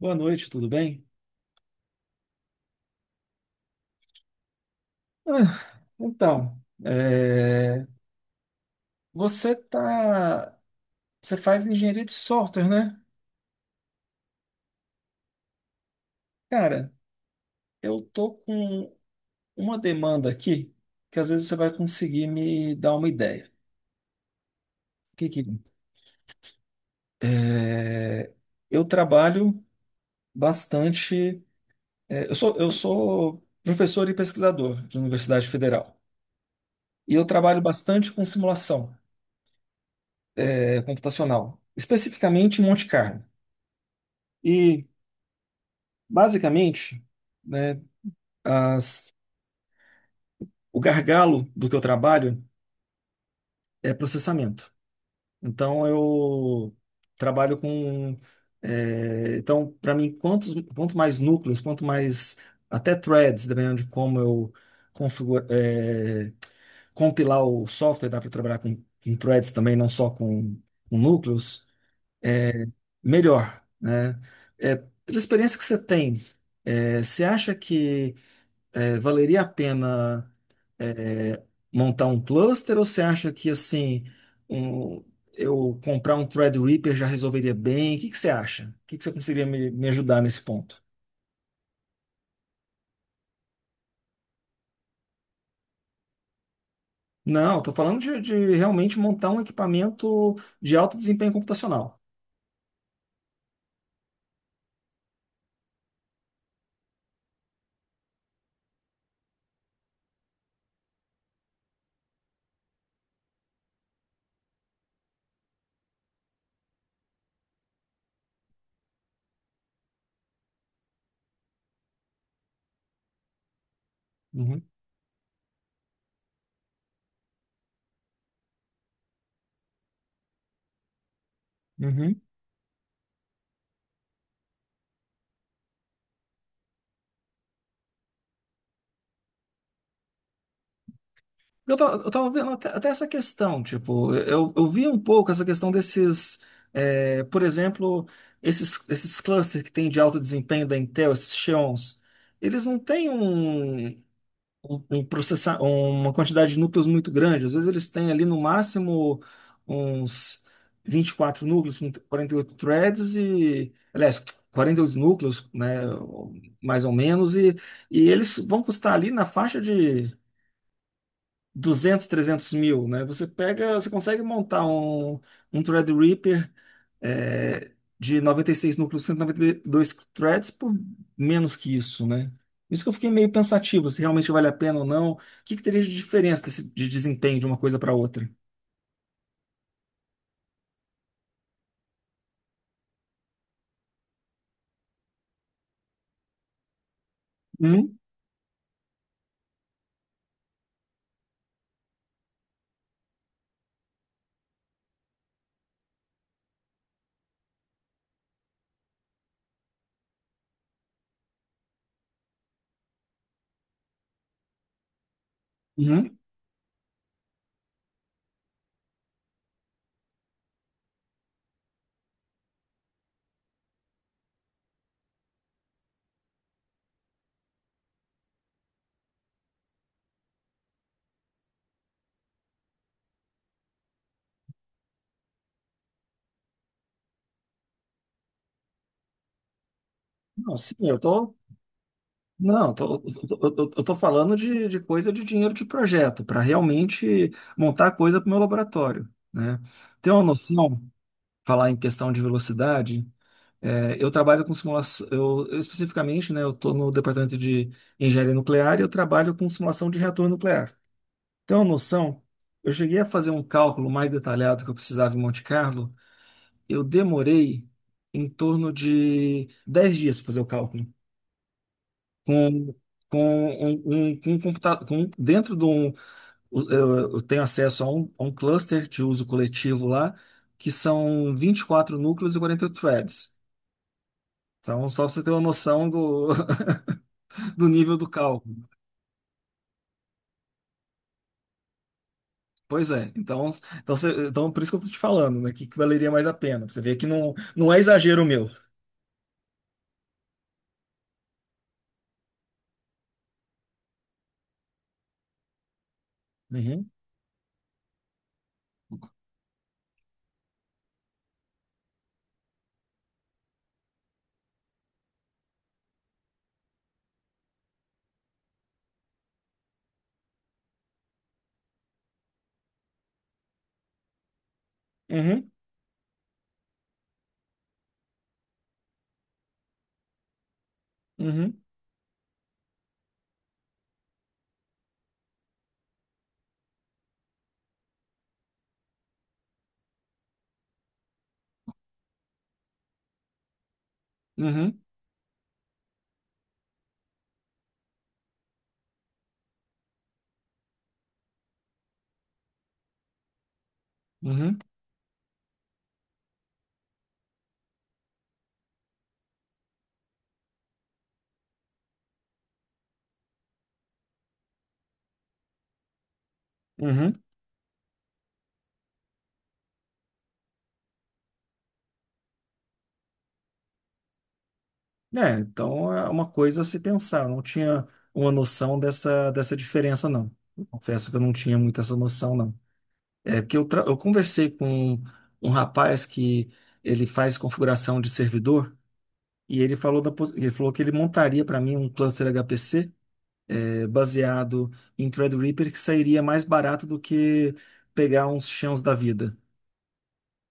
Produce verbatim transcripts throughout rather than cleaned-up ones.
Boa noite, tudo bem? Ah, então, é, você tá, você faz engenharia de software, né? Cara, eu tô com uma demanda aqui que às vezes você vai conseguir me dar uma ideia. O que que- é, É, Eu trabalho bastante, é, eu sou, eu sou professor e pesquisador de Universidade Federal e eu trabalho bastante com simulação, é, computacional, especificamente em Monte Carlo. E basicamente, né? as- o gargalo do que eu trabalho é processamento. Então eu trabalho com é, então para mim quantos quanto mais núcleos, quanto mais até threads, dependendo de como eu configura, é, compilar o software, dá para trabalhar com, com threads também, não só com, com núcleos, melhor, né? É, pela experiência que você tem, é, você acha que É, valeria a pena é, montar um cluster ou você acha que assim um- eu comprar um Threadripper já resolveria bem? O que que você acha? O que que você conseguiria me, me ajudar nesse ponto? Não, estou falando de, de realmente montar um equipamento de alto desempenho computacional. Uhum. Uhum. Eu tava, eu tava vendo até, até essa questão, tipo, eu, eu vi um pouco essa questão desses, é, por exemplo, esses, esses clusters que tem de alto desempenho da Intel, esses Xeons, eles não têm um, um, um processa- uma quantidade de núcleos muito grande, às vezes eles têm ali no máximo uns vinte e quatro núcleos, com quarenta e oito threads e, aliás, quarenta e oito núcleos, né, mais ou menos, e, e eles vão custar ali na faixa de duzentos, trezentos mil, né? Você pega, você consegue montar um, um Threadripper é, de noventa e seis núcleos, cento e noventa e dois threads por menos que isso, né? Isso que eu fiquei meio pensativo, se realmente vale a pena ou não. O que que teria de diferença desse- de desempenho de uma coisa para outra? Uhum, uhum. Não, sim, eu tô. Não, eu tô, eu tô, eu tô- eu tô falando de, de coisa de dinheiro de projeto, para realmente montar coisa para o meu laboratório, né? Tem uma noção, falar em questão de velocidade? É, eu trabalho com simulação, eu, eu especificamente, né, eu estou no departamento de engenharia nuclear e eu trabalho com simulação de reator nuclear. Então, uma noção, eu cheguei a fazer um cálculo mais detalhado que eu precisava em Monte Carlo, eu demorei em torno de dez dias para fazer o cálculo, com, com um, um, com um computador, com, dentro de um, eu, eu tenho acesso a um, a um cluster de uso coletivo lá, que são vinte e quatro núcleos e quarenta e oito threads. Então, só para você ter uma noção do, do nível do cálculo. Pois é. Então, então, cê- então por isso que eu tô te falando, né? Que, que valeria mais a pena. Pra você vê que não, não é exagero meu. Uhum, uhum, uhum, uhum, uhum, uhum. É, então é uma coisa a se pensar. Não tinha uma noção dessa, dessa diferença, não. Eu confesso que eu não tinha muito essa noção, não. É porque eu, tra- eu conversei com um, um rapaz que ele faz configuração de servidor e ele falou, da, pos- ele falou que ele montaria para mim um cluster H P C é, baseado em Threadripper que sairia mais barato do que pegar uns chãos da vida.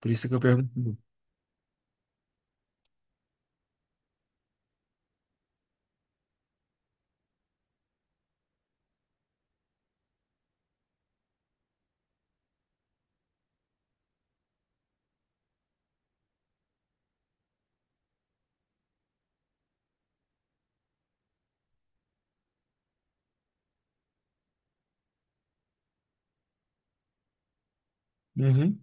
Por isso que eu pergunto. Uhum,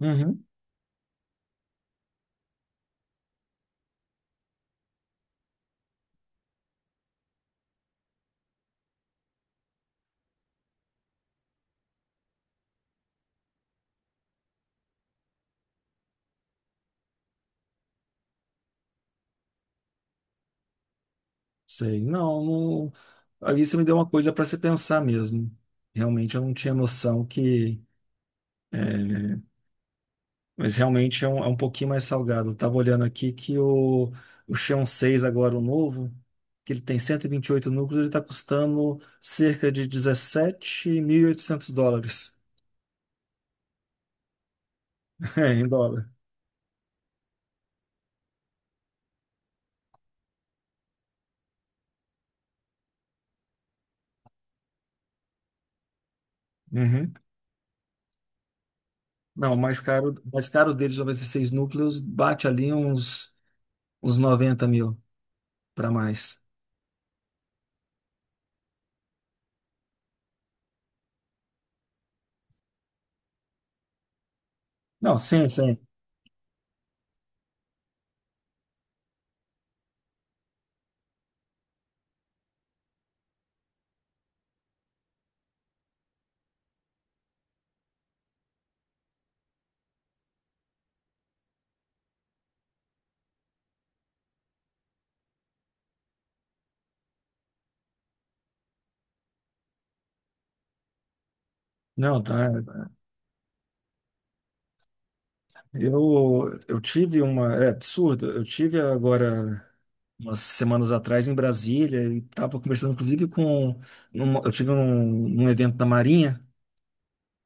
uhum. Sei. Não, não... Aí você me deu uma coisa para você pensar mesmo. Realmente eu não tinha noção que. é, Mas realmente é um, é um pouquinho mais salgado. Eu tava olhando aqui que o, o Xeon seis agora, o novo, que ele tem cento e vinte e oito núcleos, ele está custando cerca de dezessete mil e oitocentos dólares. É, em dólar. Uhum. Não, o mais caro, o mais caro deles, noventa e seis núcleos, bate ali uns, uns noventa mil para mais. Não, sim, sim. Não, tá. Eu, eu tive uma. É absurdo. Eu tive agora, umas semanas atrás, em Brasília, e estava conversando, inclusive, com. uma- eu tive um, um evento da Marinha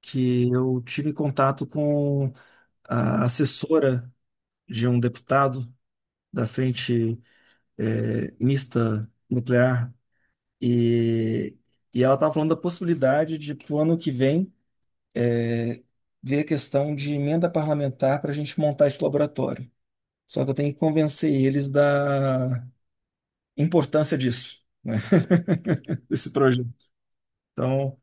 que eu tive contato com a assessora de um deputado da Frente, eh, Mista Nuclear. E, e ela estava falando da possibilidade de, para o ano que vem, é, ver a questão de emenda parlamentar para a gente montar esse laboratório. Só que eu tenho que convencer eles da importância disso, né? Desse projeto. Então,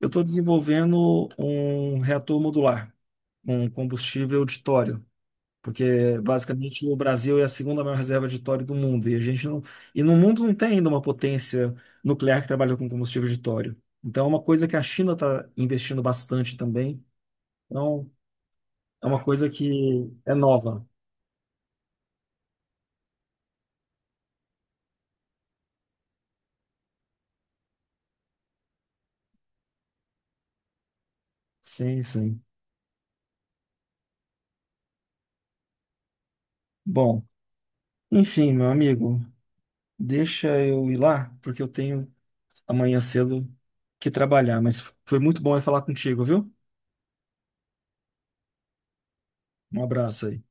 eu estou desenvolvendo um reator modular, um combustível de tório. Porque basicamente o Brasil é a segunda maior reserva de tório do mundo e a gente não, e no mundo não tem ainda uma potência nuclear que trabalha com combustível de tório. Então é uma coisa que a China está investindo bastante também. Então é uma coisa que é nova. Sim, sim. Bom, enfim, meu amigo, deixa eu ir lá porque eu tenho amanhã cedo que trabalhar, mas foi muito bom eu falar contigo, viu? Um abraço aí.